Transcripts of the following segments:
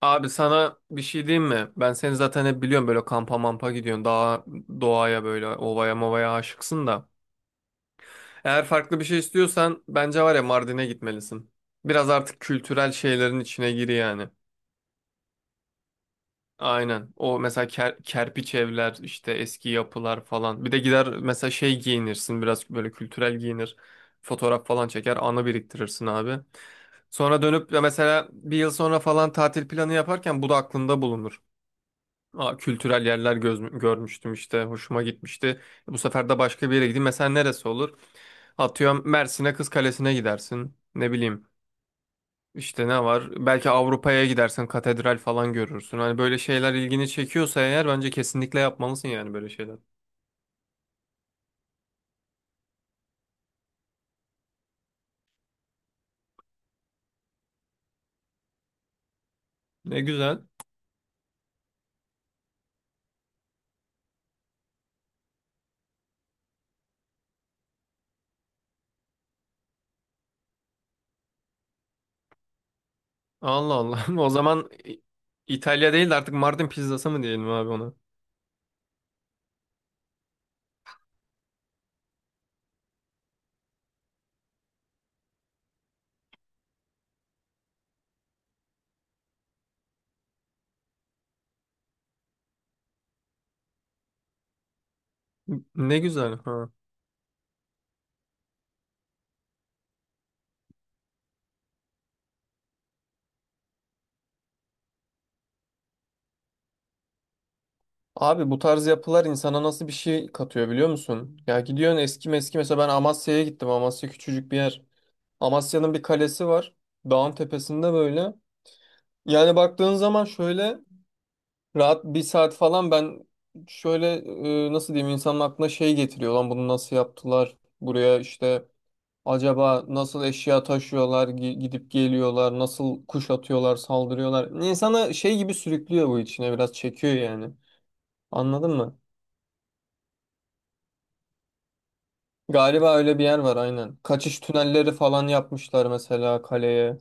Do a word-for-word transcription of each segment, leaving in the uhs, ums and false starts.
Abi sana bir şey diyeyim mi? Ben seni zaten hep biliyorum böyle kampa mampa gidiyorsun. Daha doğaya böyle ovaya movaya aşıksın da. Eğer farklı bir şey istiyorsan bence var ya Mardin'e gitmelisin. Biraz artık kültürel şeylerin içine gir yani. Aynen. O mesela ker- kerpiç evler işte eski yapılar falan. Bir de gider mesela şey giyinirsin biraz böyle kültürel giyinir. Fotoğraf falan çeker anı biriktirirsin abi. Sonra dönüp ya mesela bir yıl sonra falan tatil planı yaparken bu da aklında bulunur. Aa, kültürel yerler göz, görmüştüm işte. Hoşuma gitmişti. Bu sefer de başka bir yere gideyim. Mesela neresi olur? Atıyorum Mersin'e Kız Kalesi'ne gidersin. Ne bileyim. İşte ne var? Belki Avrupa'ya gidersin. Katedral falan görürsün. Hani böyle şeyler ilgini çekiyorsa eğer bence kesinlikle yapmalısın yani böyle şeyler. Ne güzel. Allah Allah. O zaman İ- İtalya değil de artık Mardin pizzası mı diyelim abi ona? Ne güzel. Ha. Abi bu tarz yapılar insana nasıl bir şey katıyor biliyor musun? Ya gidiyorsun eski meski mesela ben Amasya'ya gittim. Amasya küçücük bir yer. Amasya'nın bir kalesi var. Dağın tepesinde böyle. Yani baktığın zaman şöyle rahat bir saat falan ben şöyle e, nasıl diyeyim insanın aklına şey getiriyor. Lan bunu nasıl yaptılar? Buraya işte acaba nasıl eşya taşıyorlar, gi- gidip geliyorlar, nasıl kuşatıyorlar, saldırıyorlar. İnsana şey gibi sürüklüyor bu içine biraz çekiyor yani. Anladın mı? Galiba öyle bir yer var aynen. Kaçış tünelleri falan yapmışlar mesela kaleye.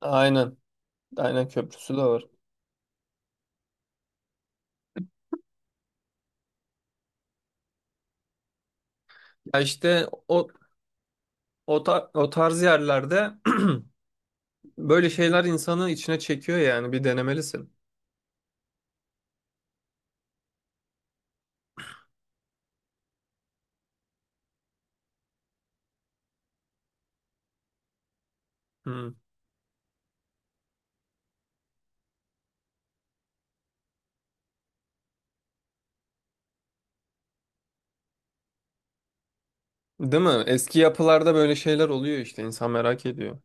Aynen. Aynen köprüsü de var. Ya işte o o, ta- o tarz yerlerde böyle şeyler insanı içine çekiyor yani bir denemelisin. Hı. Değil mi? Eski yapılarda böyle şeyler oluyor işte insan merak ediyor.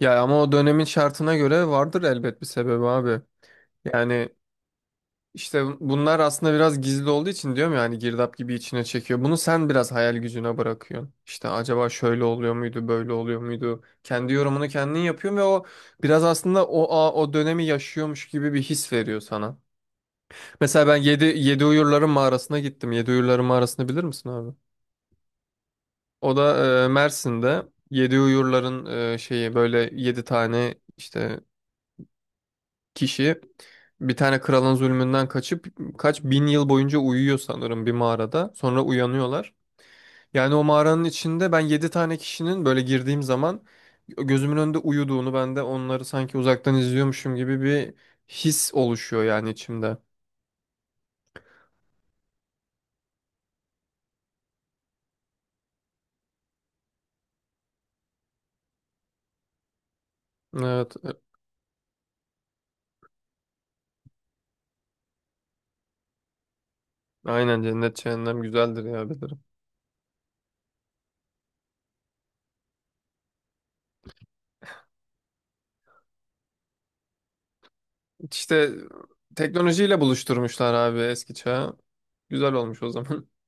Ya ama o dönemin şartına göre vardır elbet bir sebebi abi. Yani İşte bunlar aslında biraz gizli olduğu için diyorum ya hani girdap gibi içine çekiyor. Bunu sen biraz hayal gücüne bırakıyorsun. İşte acaba şöyle oluyor muydu, böyle oluyor muydu? Kendi yorumunu kendin yapıyorsun ve o biraz aslında o a- o dönemi yaşıyormuş gibi bir his veriyor sana. Mesela ben Yedi, Yedi Uyurların Mağarası'na gittim. Yedi Uyurların Mağarası'nı bilir misin abi? O da e, Mersin'de Yedi Uyurların e, şeyi böyle yedi tane işte kişi bir tane kralın zulmünden kaçıp kaç bin yıl boyunca uyuyor sanırım bir mağarada. Sonra uyanıyorlar. Yani o mağaranın içinde ben yedi tane kişinin böyle girdiğim zaman gözümün önünde uyuduğunu ben de onları sanki uzaktan izliyormuşum gibi bir his oluşuyor yani içimde. Evet. e, Aynen cennet cehennem güzeldir ya bilirim. İşte teknolojiyle buluşturmuşlar abi eski çağı. Güzel olmuş o zaman.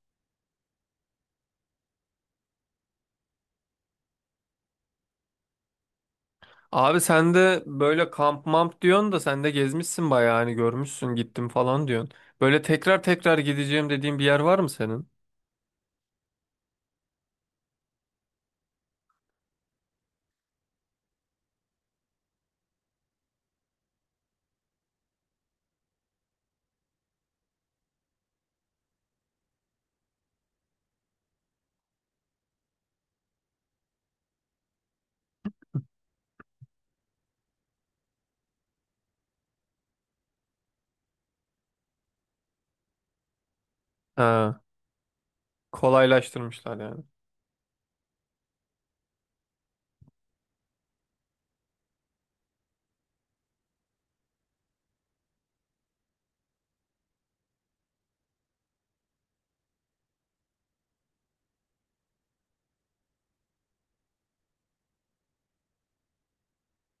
Abi sen de böyle kamp mamp diyorsun da sen de gezmişsin bayağı hani görmüşsün gittim falan diyorsun. Böyle tekrar tekrar gideceğim dediğin bir yer var mı senin? Ha, kolaylaştırmışlar yani.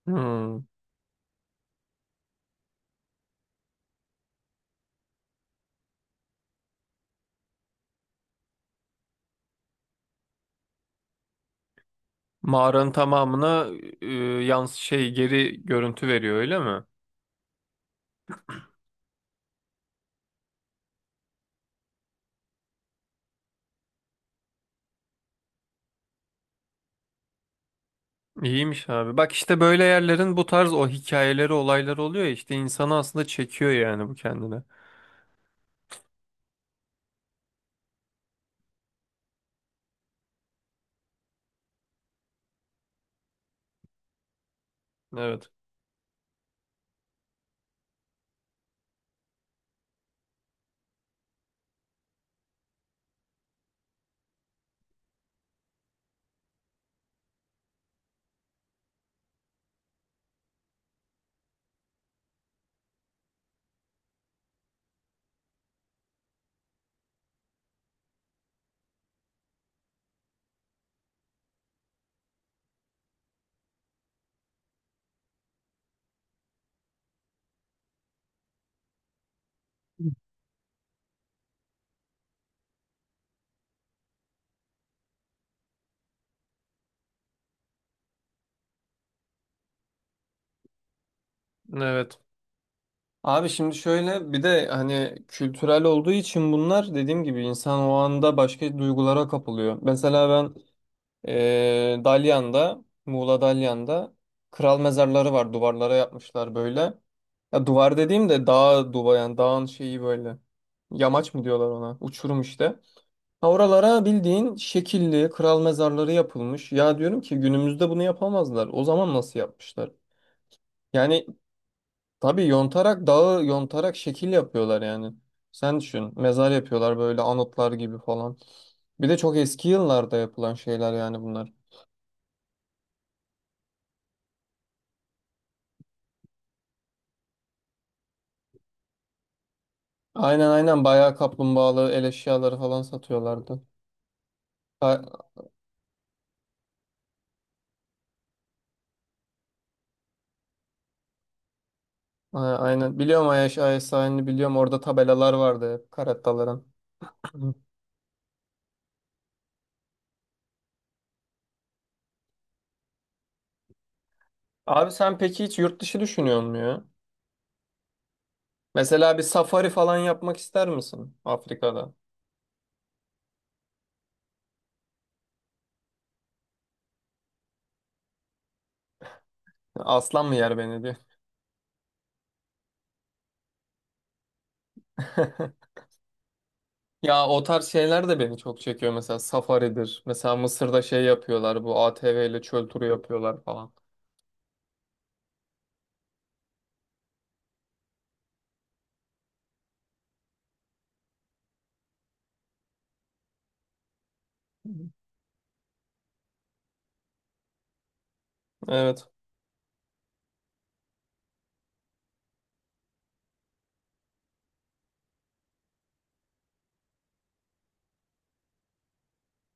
Hmm. Mağaranın tamamına e, yans şey geri görüntü veriyor öyle mi? İyiymiş abi. Bak işte böyle yerlerin bu tarz o hikayeleri olayları oluyor ya işte insanı aslında çekiyor yani bu kendine. Evet. Evet. Abi şimdi şöyle bir de hani kültürel olduğu için bunlar dediğim gibi insan o anda başka duygulara kapılıyor. Mesela ben eee Dalyan'da, Muğla Dalyan'da kral mezarları var duvarlara yapmışlar böyle. Ya duvar dediğim de dağ duvar yani dağın şeyi böyle. Yamaç mı diyorlar ona? Uçurum işte. Ha oralara bildiğin şekilli kral mezarları yapılmış. Ya diyorum ki günümüzde bunu yapamazlar. O zaman nasıl yapmışlar? Yani tabii yontarak dağı yontarak şekil yapıyorlar yani. Sen düşün. Mezar yapıyorlar böyle anıtlar gibi falan. Bir de çok eski yıllarda yapılan şeyler yani bunlar. Aynen aynen bayağı kaplumbağalı el eşyaları falan satıyorlardı. A a- aynen biliyorum Ayaş Ayaş sahilini biliyorum orada tabelalar vardı hep karataların. Abi sen peki hiç yurt dışı düşünüyor musun ya? Mesela bir safari falan yapmak ister misin Afrika'da? Aslan mı yer beni diyor. Ya o tarz şeyler de beni çok çekiyor. Mesela safaridir. Mesela Mısır'da şey yapıyorlar. Bu A T V ile çöl turu yapıyorlar falan. Evet.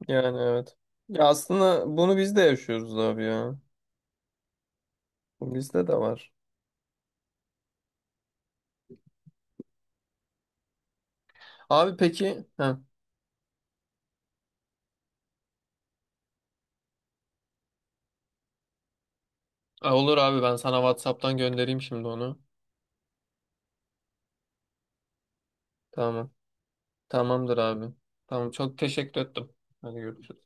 Yani evet. Ya aslında bunu biz de yaşıyoruz abi ya. Bu bizde de var. Abi peki. Heh. E, Olur abi ben sana WhatsApp'tan göndereyim şimdi onu. Tamam. Tamamdır abi. Tamam çok teşekkür ettim. Hadi görüşürüz.